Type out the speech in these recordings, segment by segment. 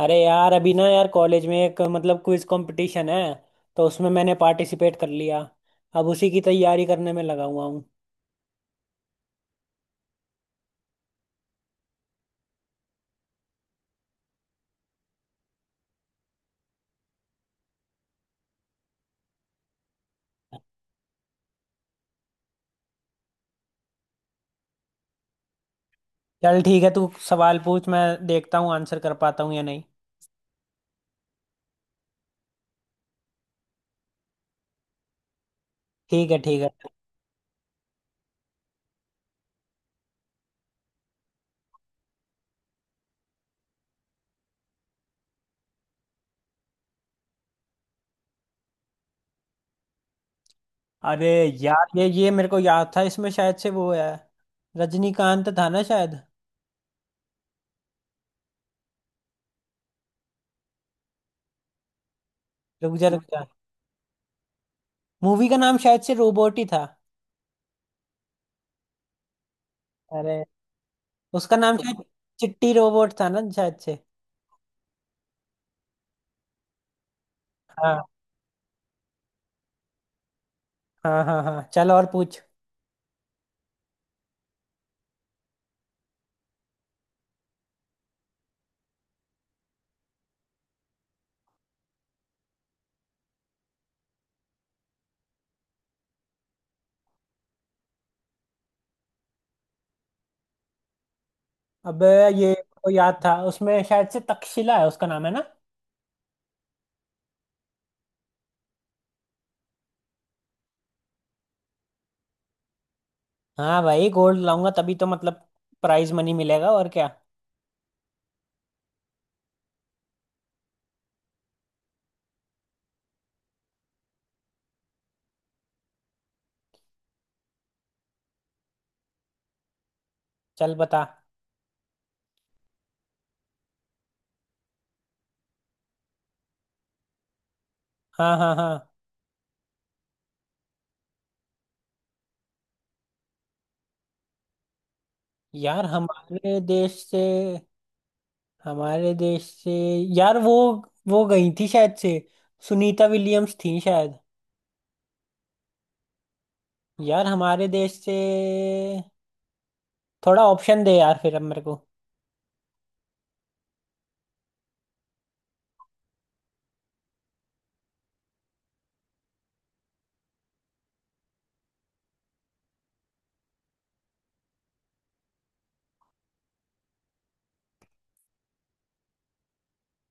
अरे यार अभी ना यार कॉलेज में एक मतलब क्विज कंपटीशन है। तो उसमें मैंने पार्टिसिपेट कर लिया। अब उसी की तैयारी करने में लगा हुआ हूँ। चल ठीक है तू सवाल पूछ, मैं देखता हूँ आंसर कर पाता हूँ या नहीं। ठीक है ठीक है। अरे यार ये मेरे को याद था इसमें शायद से वो है रजनीकांत था ना शायद। रुक जा रुक जा, मूवी का नाम शायद से रोबोट ही था। अरे उसका नाम शायद चिट्टी रोबोट था ना शायद से। हाँ हाँ हाँ हाँ, चल और पूछ। अबे ये को याद था उसमें शायद से तक्षशिला है उसका नाम है ना। हाँ भाई गोल्ड लाऊंगा तभी तो मतलब प्राइज मनी मिलेगा और क्या। चल बता। हाँ हाँ हाँ, यार हमारे देश से, हमारे देश से, यार वो गई थी शायद से, सुनीता विलियम्स थी शायद। यार हमारे देश से, थोड़ा ऑप्शन दे यार फिर अब मेरे को।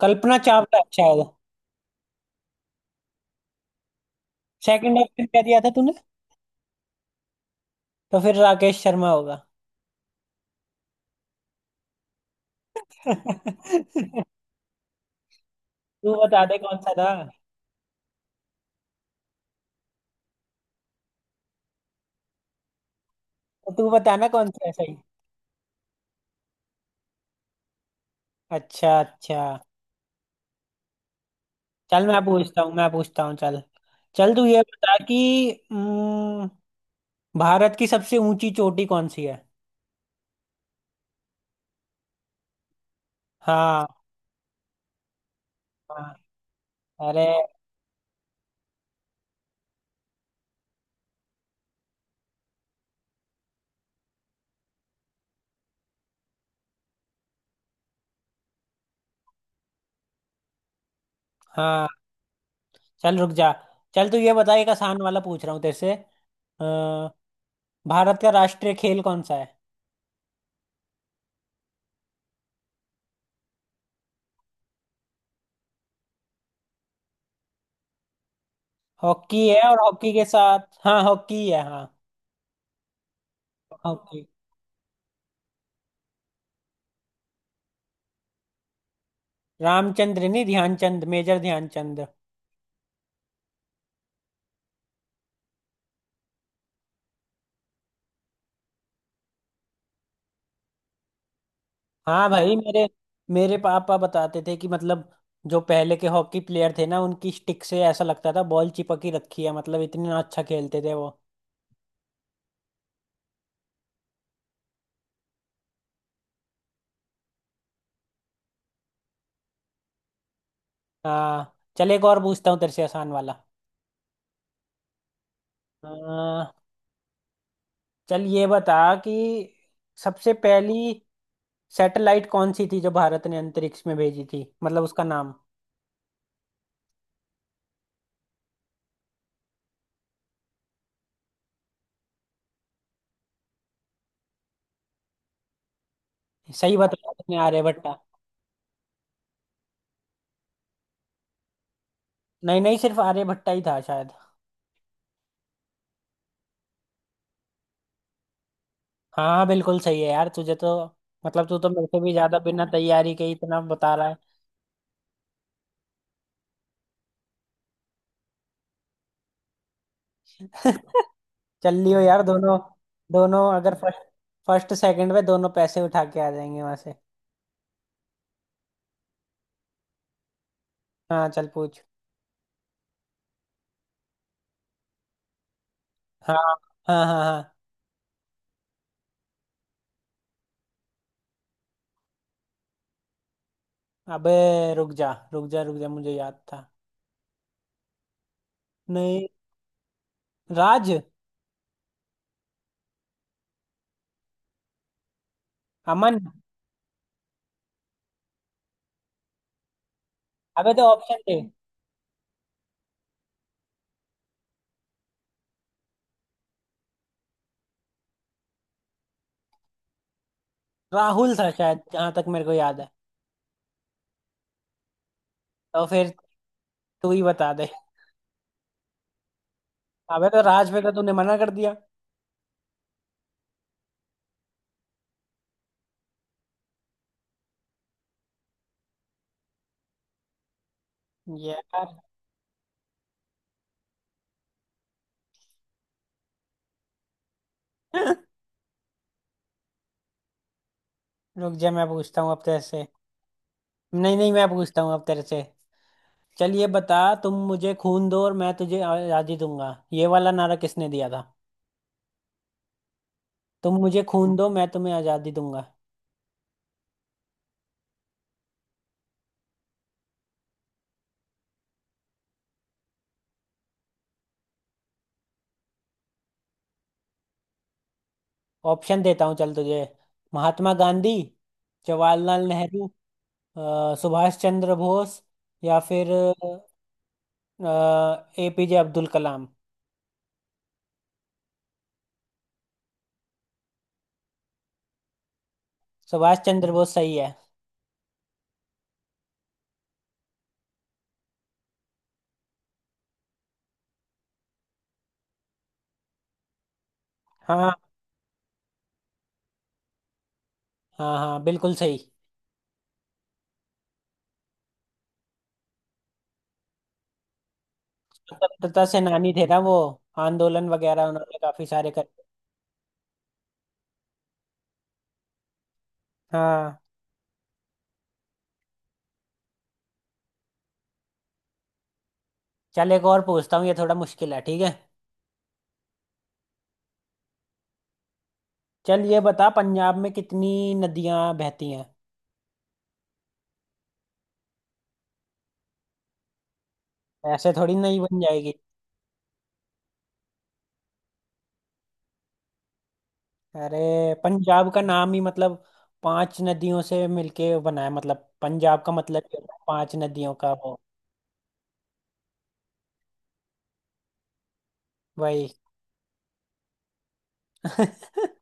कल्पना चावला है शायद। सेकंड ऑप्शन क्या दिया था तूने? तो फिर राकेश शर्मा होगा। तू बता दे कौन सा था। तो तू बताना कौन सा है सही। अच्छा अच्छा। चल मैं पूछता हूँ, मैं पूछता हूँ चल। चल तू ये बता कि हम्म, भारत की सबसे ऊंची चोटी कौन सी है? हाँ हाँ अरे हाँ। चल रुक जा, चल तू ये बता, एक आसान वाला पूछ रहा हूँ तेरे से। अ, भारत का राष्ट्रीय खेल कौन सा है? हॉकी है, और हॉकी के साथ हाँ हॉकी है हाँ। हॉकी। रामचंद्र नहीं, ध्यानचंद, मेजर ध्यानचंद। हाँ भाई मेरे मेरे पापा बताते थे कि मतलब जो पहले के हॉकी प्लेयर थे ना, उनकी स्टिक से ऐसा लगता था बॉल चिपकी रखी है, मतलब इतना अच्छा खेलते थे वो। हाँ चल एक और पूछता हूँ तेरे से आसान वाला। हाँ चल ये बता कि सबसे पहली सैटेलाइट कौन सी थी जो भारत ने अंतरिक्ष में भेजी थी, मतलब उसका नाम। सही बताया तुमने, आर्यभट्टा। नहीं नहीं, सिर्फ आर्यभट्टा ही था शायद। हाँ बिल्कुल सही है यार, तुझे तो मतलब तू तो मेरे से भी ज्यादा बिना तैयारी के ही इतना बता रहा है। चल लियो यार, दोनों, दोनों अगर फर्स्ट फर्स्ट सेकंड में दोनों पैसे उठा के आ जाएंगे वहां से। हाँ चल पूछ। हाँ हाँ हाँ हाँ। अबे रुक जा रुक जा रुक जा, मुझे याद था। नहीं, राज। अमन। अबे तो ऑप्शन थे। राहुल था शायद जहां तक मेरे को याद है। तो फिर तू ही बता दे। अबे तो राज पे तो तूने मना कर दिया। यार रुक जा, मैं पूछता हूँ अब तेरे से। नहीं नहीं मैं पूछता हूँ अब तेरे से। चल ये बता, तुम मुझे खून दो और मैं तुझे आज़ादी दूंगा, ये वाला नारा किसने दिया था? तुम मुझे खून दो, मैं तुम्हें आज़ादी दूंगा। ऑप्शन देता हूँ चल तुझे। महात्मा गांधी, जवाहरलाल नेहरू, सुभाष चंद्र बोस, या फिर एपीजे अब्दुल कलाम। सुभाष चंद्र बोस सही है। हाँ हाँ हाँ बिल्कुल सही। स्वतंत्रता सेनानी थे ना वो, आंदोलन वगैरह उन्होंने काफी सारे कर। हाँ चल एक और पूछता हूँ, ये थोड़ा मुश्किल है ठीक है। चल ये बता, पंजाब में कितनी नदियां बहती हैं? ऐसे थोड़ी नहीं बन जाएगी। अरे पंजाब का नाम ही मतलब पांच नदियों से मिलके बना है, मतलब पंजाब का मतलब ही होता है पांच नदियों का वो। वही।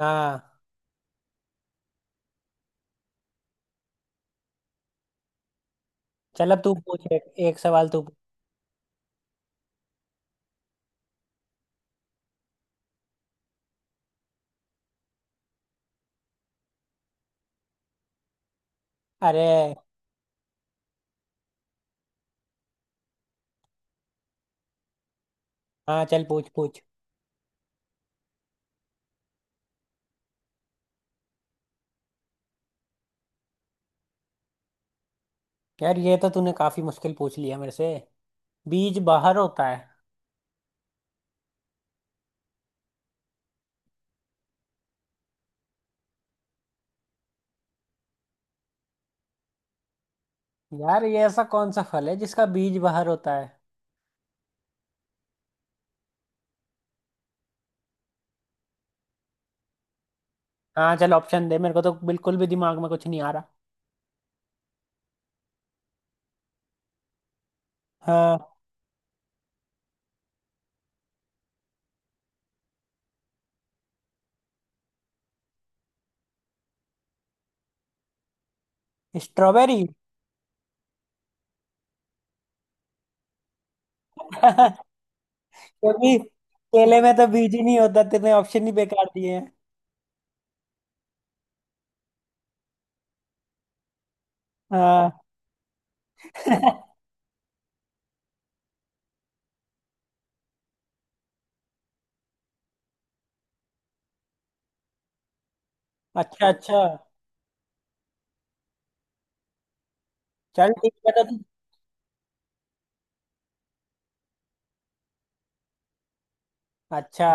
हाँ चल अब तू पूछ, एक, एक सवाल तू पूछ। अरे हाँ चल पूछ पूछ। यार ये तो तूने काफी मुश्किल पूछ लिया मेरे से। बीज बाहर होता है। यार ये ऐसा कौन सा फल है जिसका बीज बाहर होता है? हाँ चल ऑप्शन दे, मेरे को तो बिल्कुल भी दिमाग में कुछ नहीं आ रहा। हाँ। स्ट्रॉबेरी। क्योंकि केले में तो बीज ही नहीं होता, तेरे ऑप्शन ही बेकार दिए हैं। हाँ अच्छा अच्छा, चल ठीक है तो तू। अच्छा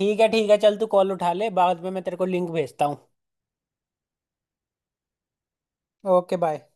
ठीक है ठीक है, चल तू कॉल उठा ले, बाद में मैं तेरे को लिंक भेजता हूँ। Okay bye.